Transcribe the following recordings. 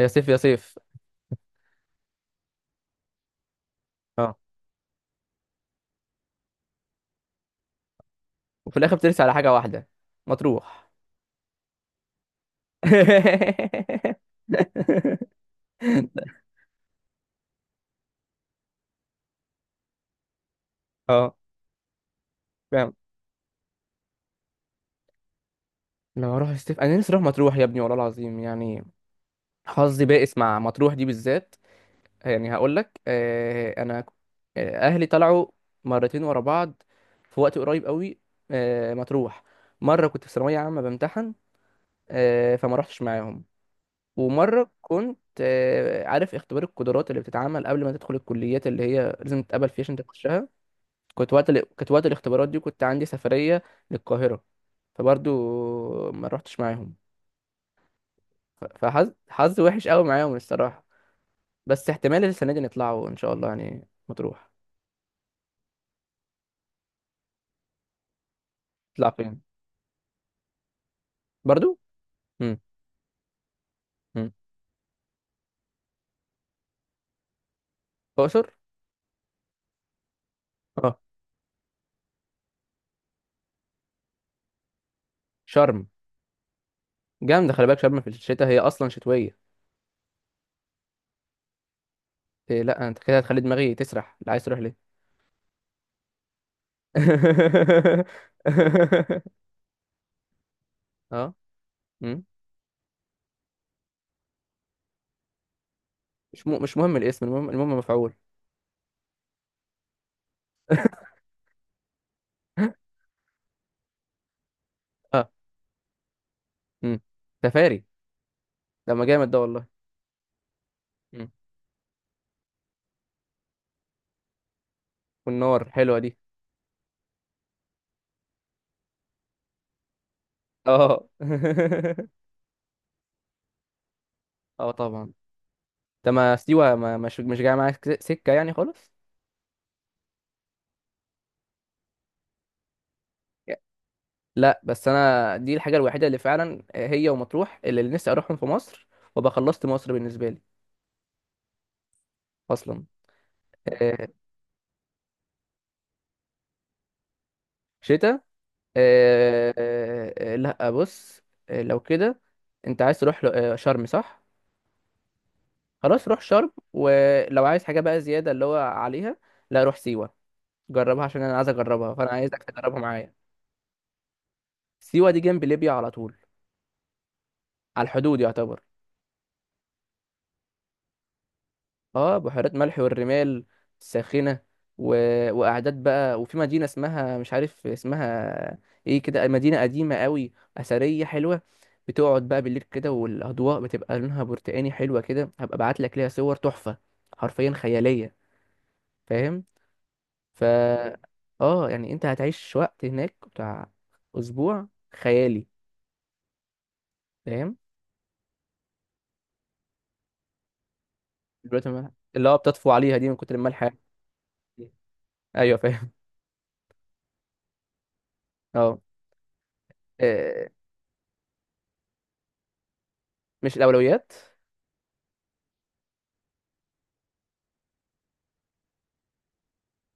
يا سيف يا سيف. اه. وفي الاخر بترسي على حاجه واحده، مطروح. اه، فاهم. لو اروح السيف انا نفسي اروح مطروح يا ابني، والله العظيم يعني. حظي بائس مع مطروح دي بالذات. يعني هقول لك، آه انا ك- آه، اهلي طلعوا مرتين ورا بعض في وقت قريب قوي. مطروح. مره كنت في ثانويه عامه بمتحن، فما رحتش معاهم. ومرة كنت عارف اختبار القدرات اللي بتتعمل قبل ما تدخل الكليات اللي هي لازم تتقبل فيها عشان تخشها. كنت وقت الاختبارات دي، كنت عندي سفرية للقاهرة، فبرضو ما روحتش معاهم. فحظ وحش قوي معاهم الصراحة. بس احتمال السنة دي نطلعوا ان شاء الله يعني مطروح. نطلع فين. برضو. امم. امم. اقصر. اه، شرم. جامدة، خلي بالك شرم في الشتاء هي اصلا شتوية. إيه، لا انت كده هتخلي دماغي تسرح اللي عايز تروح ليه. اه. مم. مش مهم الاسم، المهم المهم مفعول. اه. مم. سفاري. ده ما جامد ده والله. مم. والنار حلوة دي. اه. اه، طبعا. انت ما سيوة ما مش جاي معاك سكة يعني خالص. لا بس انا دي الحاجة الوحيدة اللي فعلا هي ومطروح اللي نفسي اروحهم في مصر، وابقى خلصت مصر بالنسبة لي اصلا. آه، شتاء. لا بص. لو كده انت عايز تروح شرم صح. خلاص روح شرم، ولو عايز حاجة بقى زيادة اللي هو عليها، لا روح سيوة. جربها عشان انا عايز اجربها، فانا عايزك تجربها معايا. سيوة دي جنب ليبيا على طول، على الحدود يعتبر. اه، بحيرات ملح والرمال الساخنة و... وقعدات بقى، وفي مدينة اسمها مش عارف اسمها ايه كده، مدينة قديمة قوي أثرية حلوة، بتقعد بقى بالليل كده والأضواء بتبقى لونها برتقاني حلوة كده. هبقى ابعت لك ليها صور تحفة، حرفيا خيالية. فاهم. ف اه يعني انت هتعيش وقت هناك بتاع اسبوع خيالي. فاهم. دلوقتي ما- اللي هو بتطفو عليها دي من كتر الملح يعني. ايوه فاهم. اه، آه، مش الاولويات.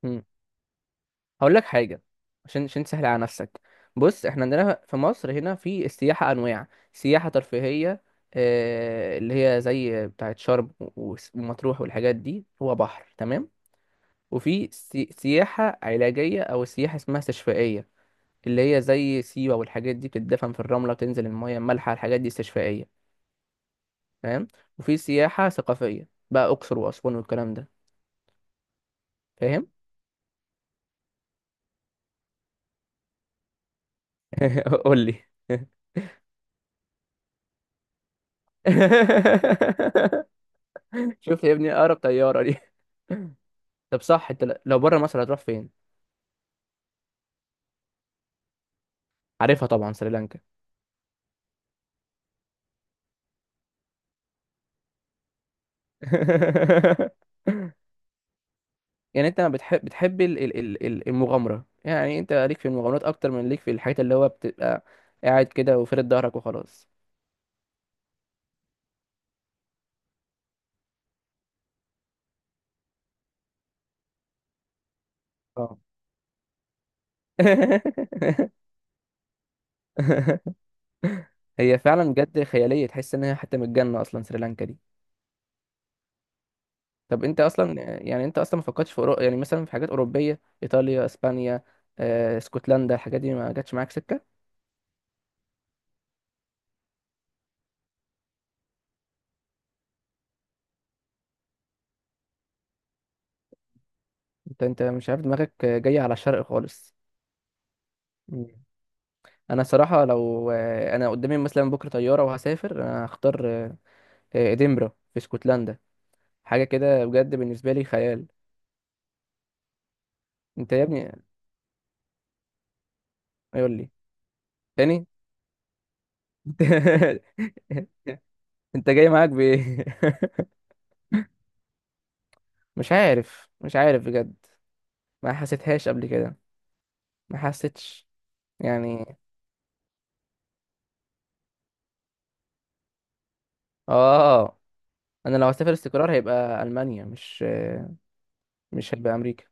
مم. هقول لك حاجه، عشان تسهل على نفسك. بص احنا عندنا في مصر هنا في السياحه انواع. سياحه ترفيهيه، اللي هي زي بتاعه شرم و- ومطروح والحاجات دي، هو بحر تمام. وفي سياحه علاجيه او سياحه اسمها استشفائيه، اللي هي زي سيوة والحاجات دي، بتدفن في الرملة، بتنزل المية المالحة، الحاجات دي استشفائية. فاهم. وفي سياحة ثقافية بقى، أقصر وأسوان والكلام ده. فاهم. قول لي. شوف يا ابني، أقرب طيارة دي. طب صح انت، لو بره مصر هتروح فين. عارفها طبعا سريلانكا. يعني انت ما بتحب بتحب المغامره، يعني انت ليك في المغامرات اكتر من ليك في الحاجات اللي هو بتبقى قاعد كده وفرد ظهرك وخلاص. اه. هي فعلا بجد خياليه، تحس ان هي حتى من الجنه اصلا سريلانكا دي. طب انت اصلا، يعني انت اصلا ما فكرتش في أورو... يعني مثلا في حاجات اوروبيه ايطاليا اسبانيا اسكتلندا، الحاجات دي ما جاتش معاك سكه. انت مش عارف دماغك جايه على الشرق خالص. مم. انا صراحه لو، انا قدامي مثلا بكره طياره وهسافر، انا هختار ادنبرا في اسكتلندا، حاجه كده بجد بالنسبه لي خيال. انت يا ابني. قول لي. تاني. انت جاي معاك بايه. مش عارف، مش عارف بجد، ما حسيتهاش قبل كده، ما حسيتش. يعني اه. انا لو هسافر استقرار هيبقى المانيا، مش هيبقى امريكا.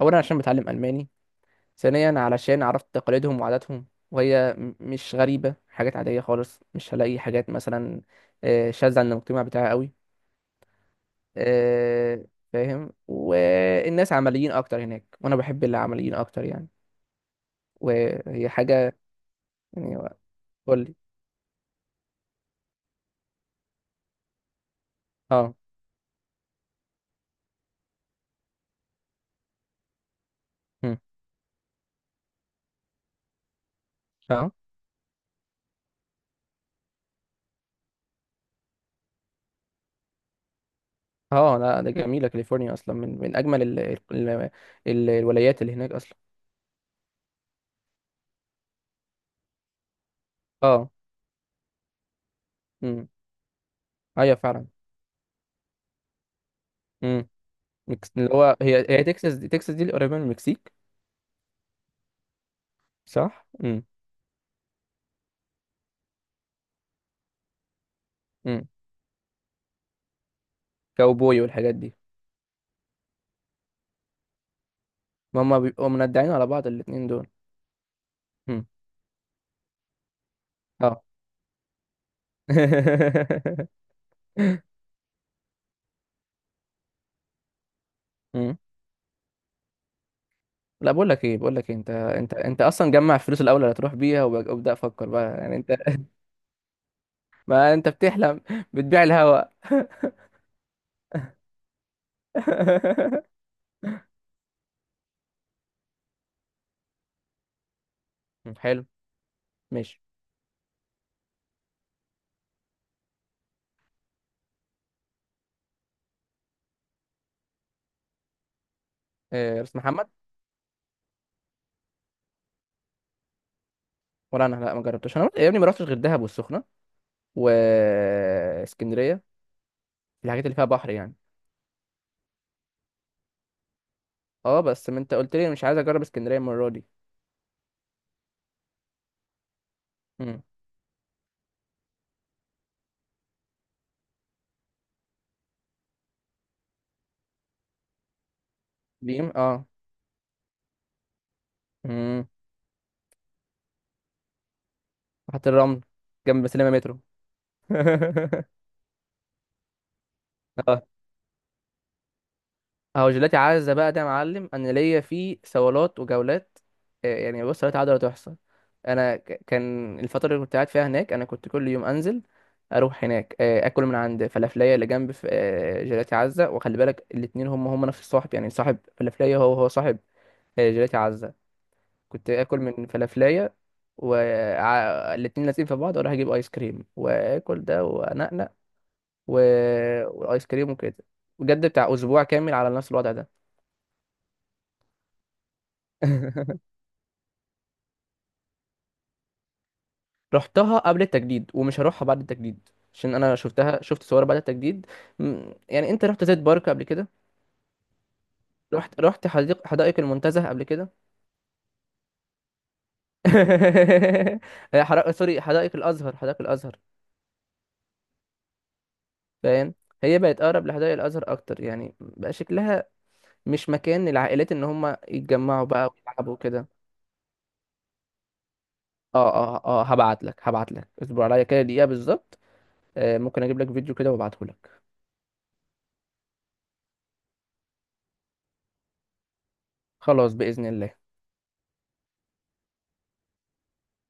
اولا عشان بتعلم الماني، ثانيا علشان عرفت تقاليدهم وعاداتهم وهي مش غريبه حاجات عاديه خالص، مش هلاقي حاجات مثلا شاذه عن المجتمع بتاعي قوي. آه، فاهم، والناس عمليين اكتر هناك وانا بحب اللي عمليين اكتر يعني، وهي حاجه. يعني. قول لي. اه. مم. اه. اه، لا ده جميله كاليفورنيا، اصلا من اجمل ال ال الولايات اللي هناك اصلا. اه. امم. ايوه فعلا. امم. اللي هو هي تكساس دي، تكساس دي اللي قريبه من المكسيك، صح. امم. امم. كاوبوي والحاجات دي. ما هم بيبقوا مندعين على بعض الاتنين دول. امم. اه. امم. لا بقول لك ايه، بقول لك إيه، انت اصلا جمع الفلوس الاول اللي هتروح بيها، وابدا افكر بقى يعني انت. ما انت بتحلم، بتبيع الهوا. حلو. ماشي. راس محمد. ولا انا، لا ما جربتش انا يا ابني، ما رحتش غير دهب والسخنه واسكندريه، الحاجات اللي فيها بحر يعني. اه بس ما انت قلت لي مش عايز اجرب اسكندريه المره دي. امم. دي اه. امم. حتى الرمل جنب سينما مترو. اه. اهو جيلاتي عزة بقى ده يا معلم، انا ليا فيه صولات وجولات. يعني بص، صولات عادة لا تحصى. كان الفترة اللي كنت قاعد فيها هناك، انا كنت كل يوم انزل، اروح هناك اكل من عند فلافلية اللي جنب جيلاتي عزة، وخلي بالك الاتنين هم نفس الصاحب، يعني صاحب فلافلية هو صاحب جيلاتي عزة. كنت اكل من فلافلية والاتنين لازقين في بعض، واروح اجيب ايس كريم واكل ده وانقنق و... والايس كريم وكده، بجد بتاع اسبوع كامل على نفس الوضع ده. رحتها قبل التجديد ومش هروحها بعد التجديد. عشان انا شفتها، شفت صور بعد التجديد. يعني انت رحت زيت بارك قبل كده. رحت حدائق المنتزه قبل كده. سوري، حدائق الازهر، حدائق الازهر. فاهم. هي بقت اقرب لحدائق الازهر اكتر، يعني بقى شكلها مش مكان للعائلات ان هم يتجمعوا بقى ويلعبوا كده. اه اه اه، هبعت لك اصبر عليا كده دقيقة بالظبط. ممكن اجيب لك فيديو كده وابعته لك. خلاص بإذن الله.